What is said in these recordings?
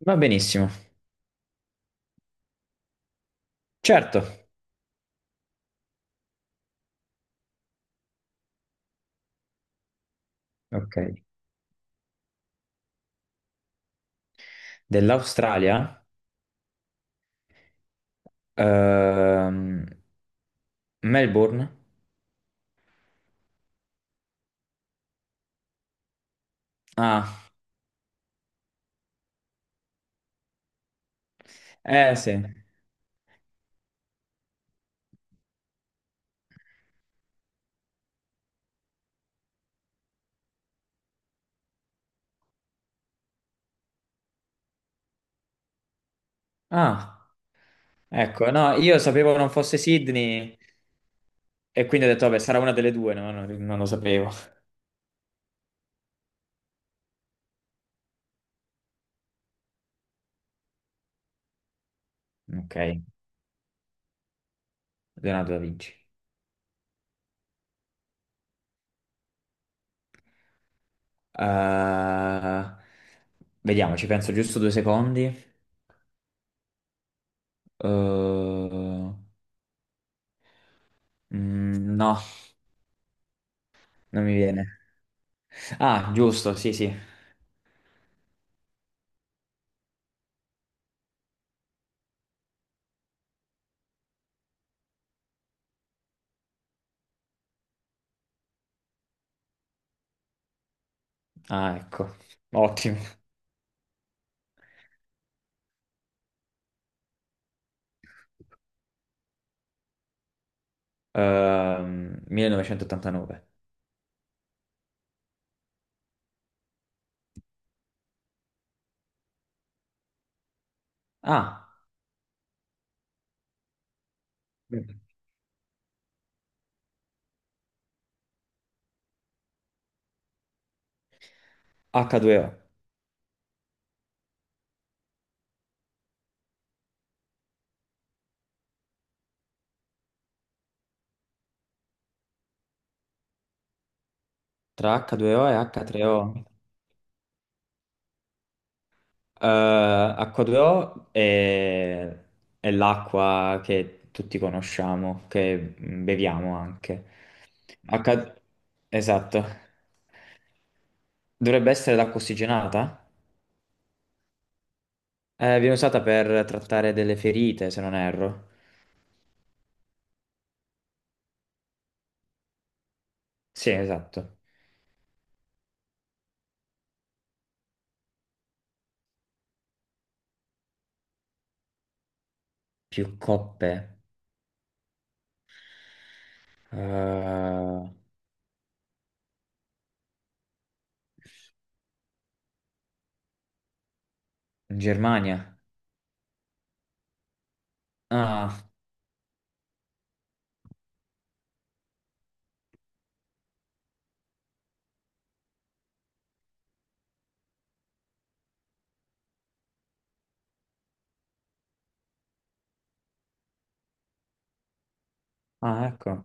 Va benissimo, certo. Ok. Dell'Australia? Ehm, Melbourne? Ah, eh sì. Ah, ecco, no, io sapevo non fosse Sydney e quindi ho detto, vabbè, sarà una delle due, no? No, non, lo sapevo. Ok, Leonardo da Vinci. Eh, vediamo, ci penso giusto due secondi. No, non mi viene. Ah, giusto, sì, sì. Ah, ecco, ottimo. 1989. Ah, H2O. Tra H2O e H3O. H2O è l'acqua che tutti conosciamo, che beviamo anche. H... Esatto. Dovrebbe essere l'acqua ossigenata? Viene usata per trattare delle ferite, se non erro. Sì, esatto. Più coppe. In Germania. Ah, ah, ecco.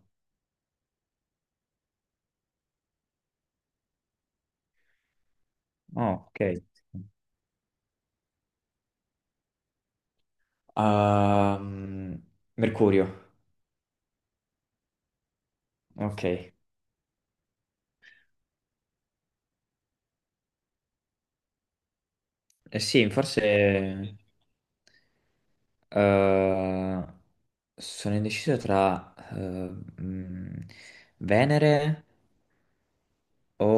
Ah, ok. Ehm, Mercurio. Ok. Eh sì, forse eh, sono indeciso tra mm, Venere o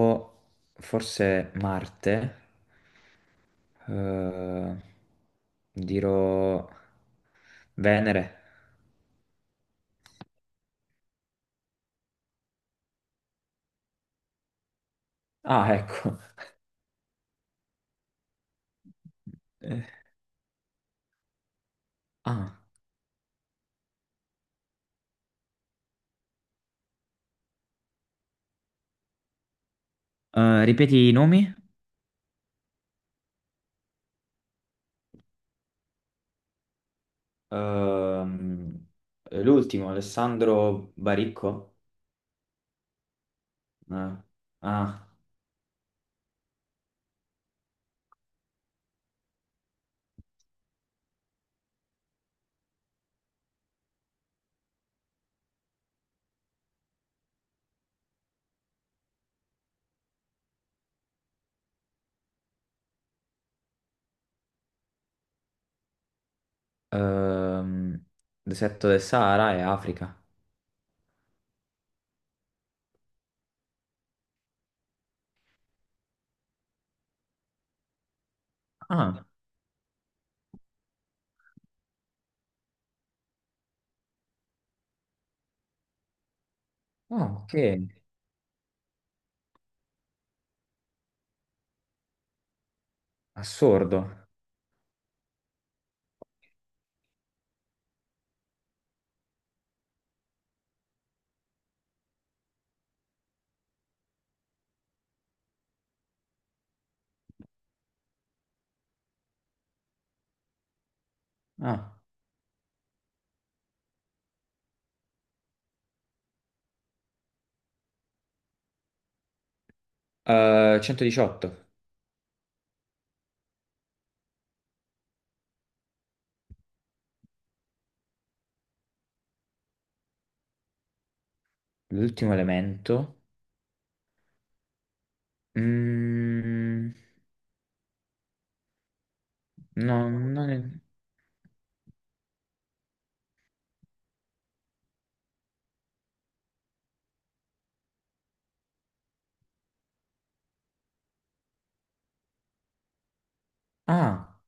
forse Marte. Eh, dirò Venere. Ah, ecco. Eh, ah, ripeti i nomi? Ehm, l'ultimo, Alessandro Baricco. No. Ah, ehm, deserto del Sahara e Africa. Ah, oh, ok, assurdo. Ah, 118, l'ultimo elemento. Mm, no, non è... Ah,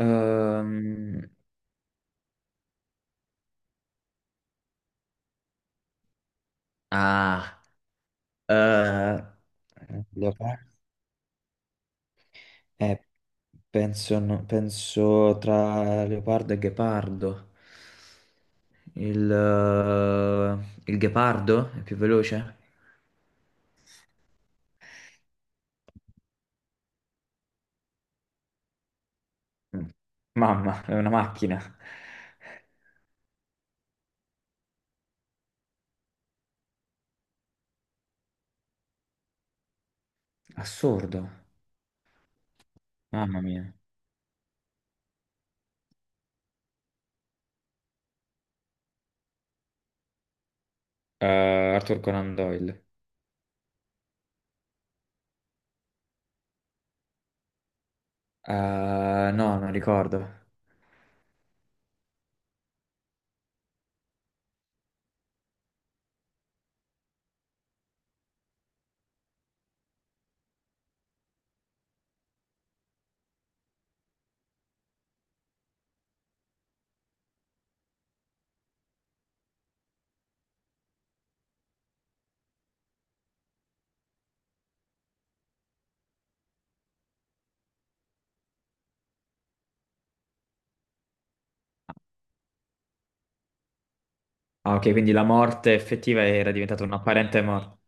ehm, ah, eh, leopardo. Eh, penso, no- penso tra leopardo e ghepardo. Il ghepardo è più veloce? Mm. Mamma, è una macchina. Assurdo. Mamma mia. Arthur Conan Doyle. Eh, no, non ricordo. Ah, ok, quindi la morte effettiva era diventata un'apparente morte.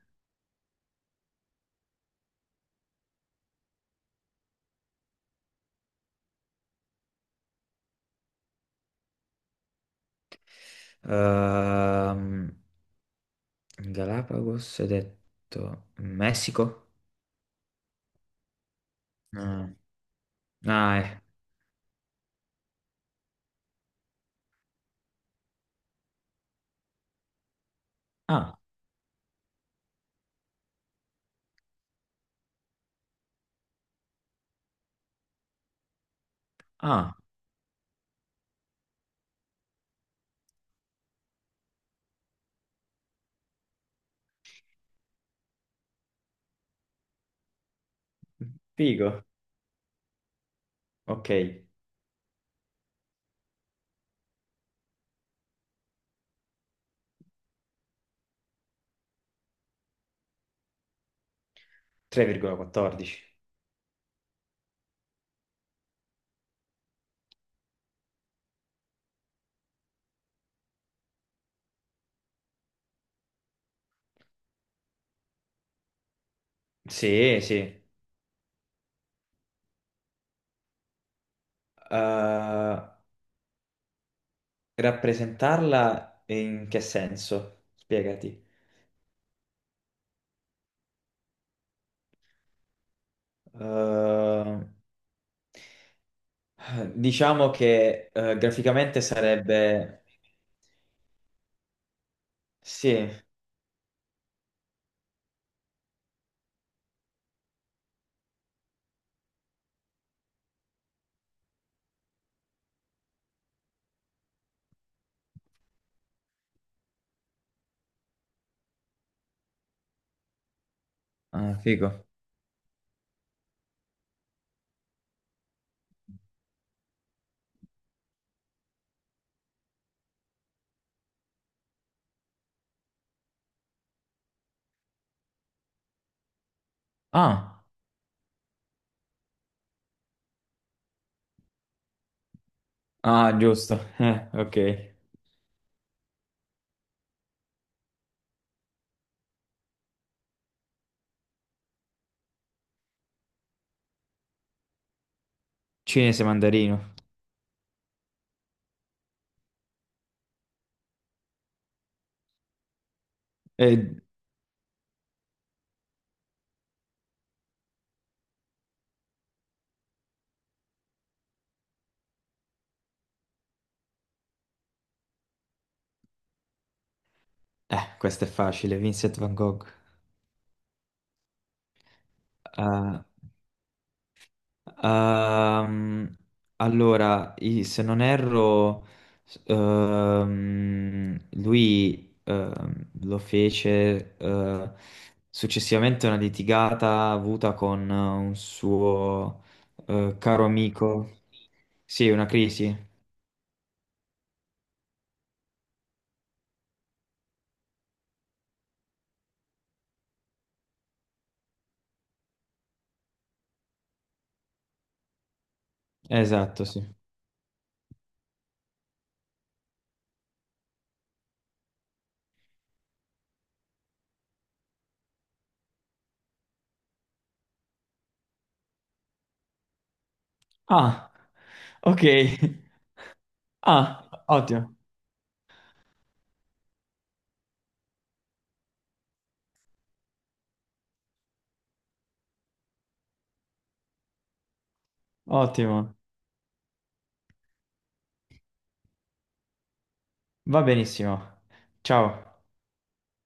Ehm, Galapagos, hai detto Messico? No. Ah, eh. Ah, ah, figo. Ok, 3,14. Sì, sì. Eh, rappresentarla in che senso? Spiegati. Eh, diciamo che graficamente sarebbe... Sì, ah, figo. Ah, ah, giusto. Ok. Cinese mandarino. Eh, questo è facile, Vincent Van Gogh. Ah, ehm, allora, i- se non erro, s- lui lo fece successivamente a una litigata avuta con un suo caro amico. Sì, una crisi. Esatto, sì. Ah, ok. Ah, ottimo, ottimo. Va benissimo. Ciao.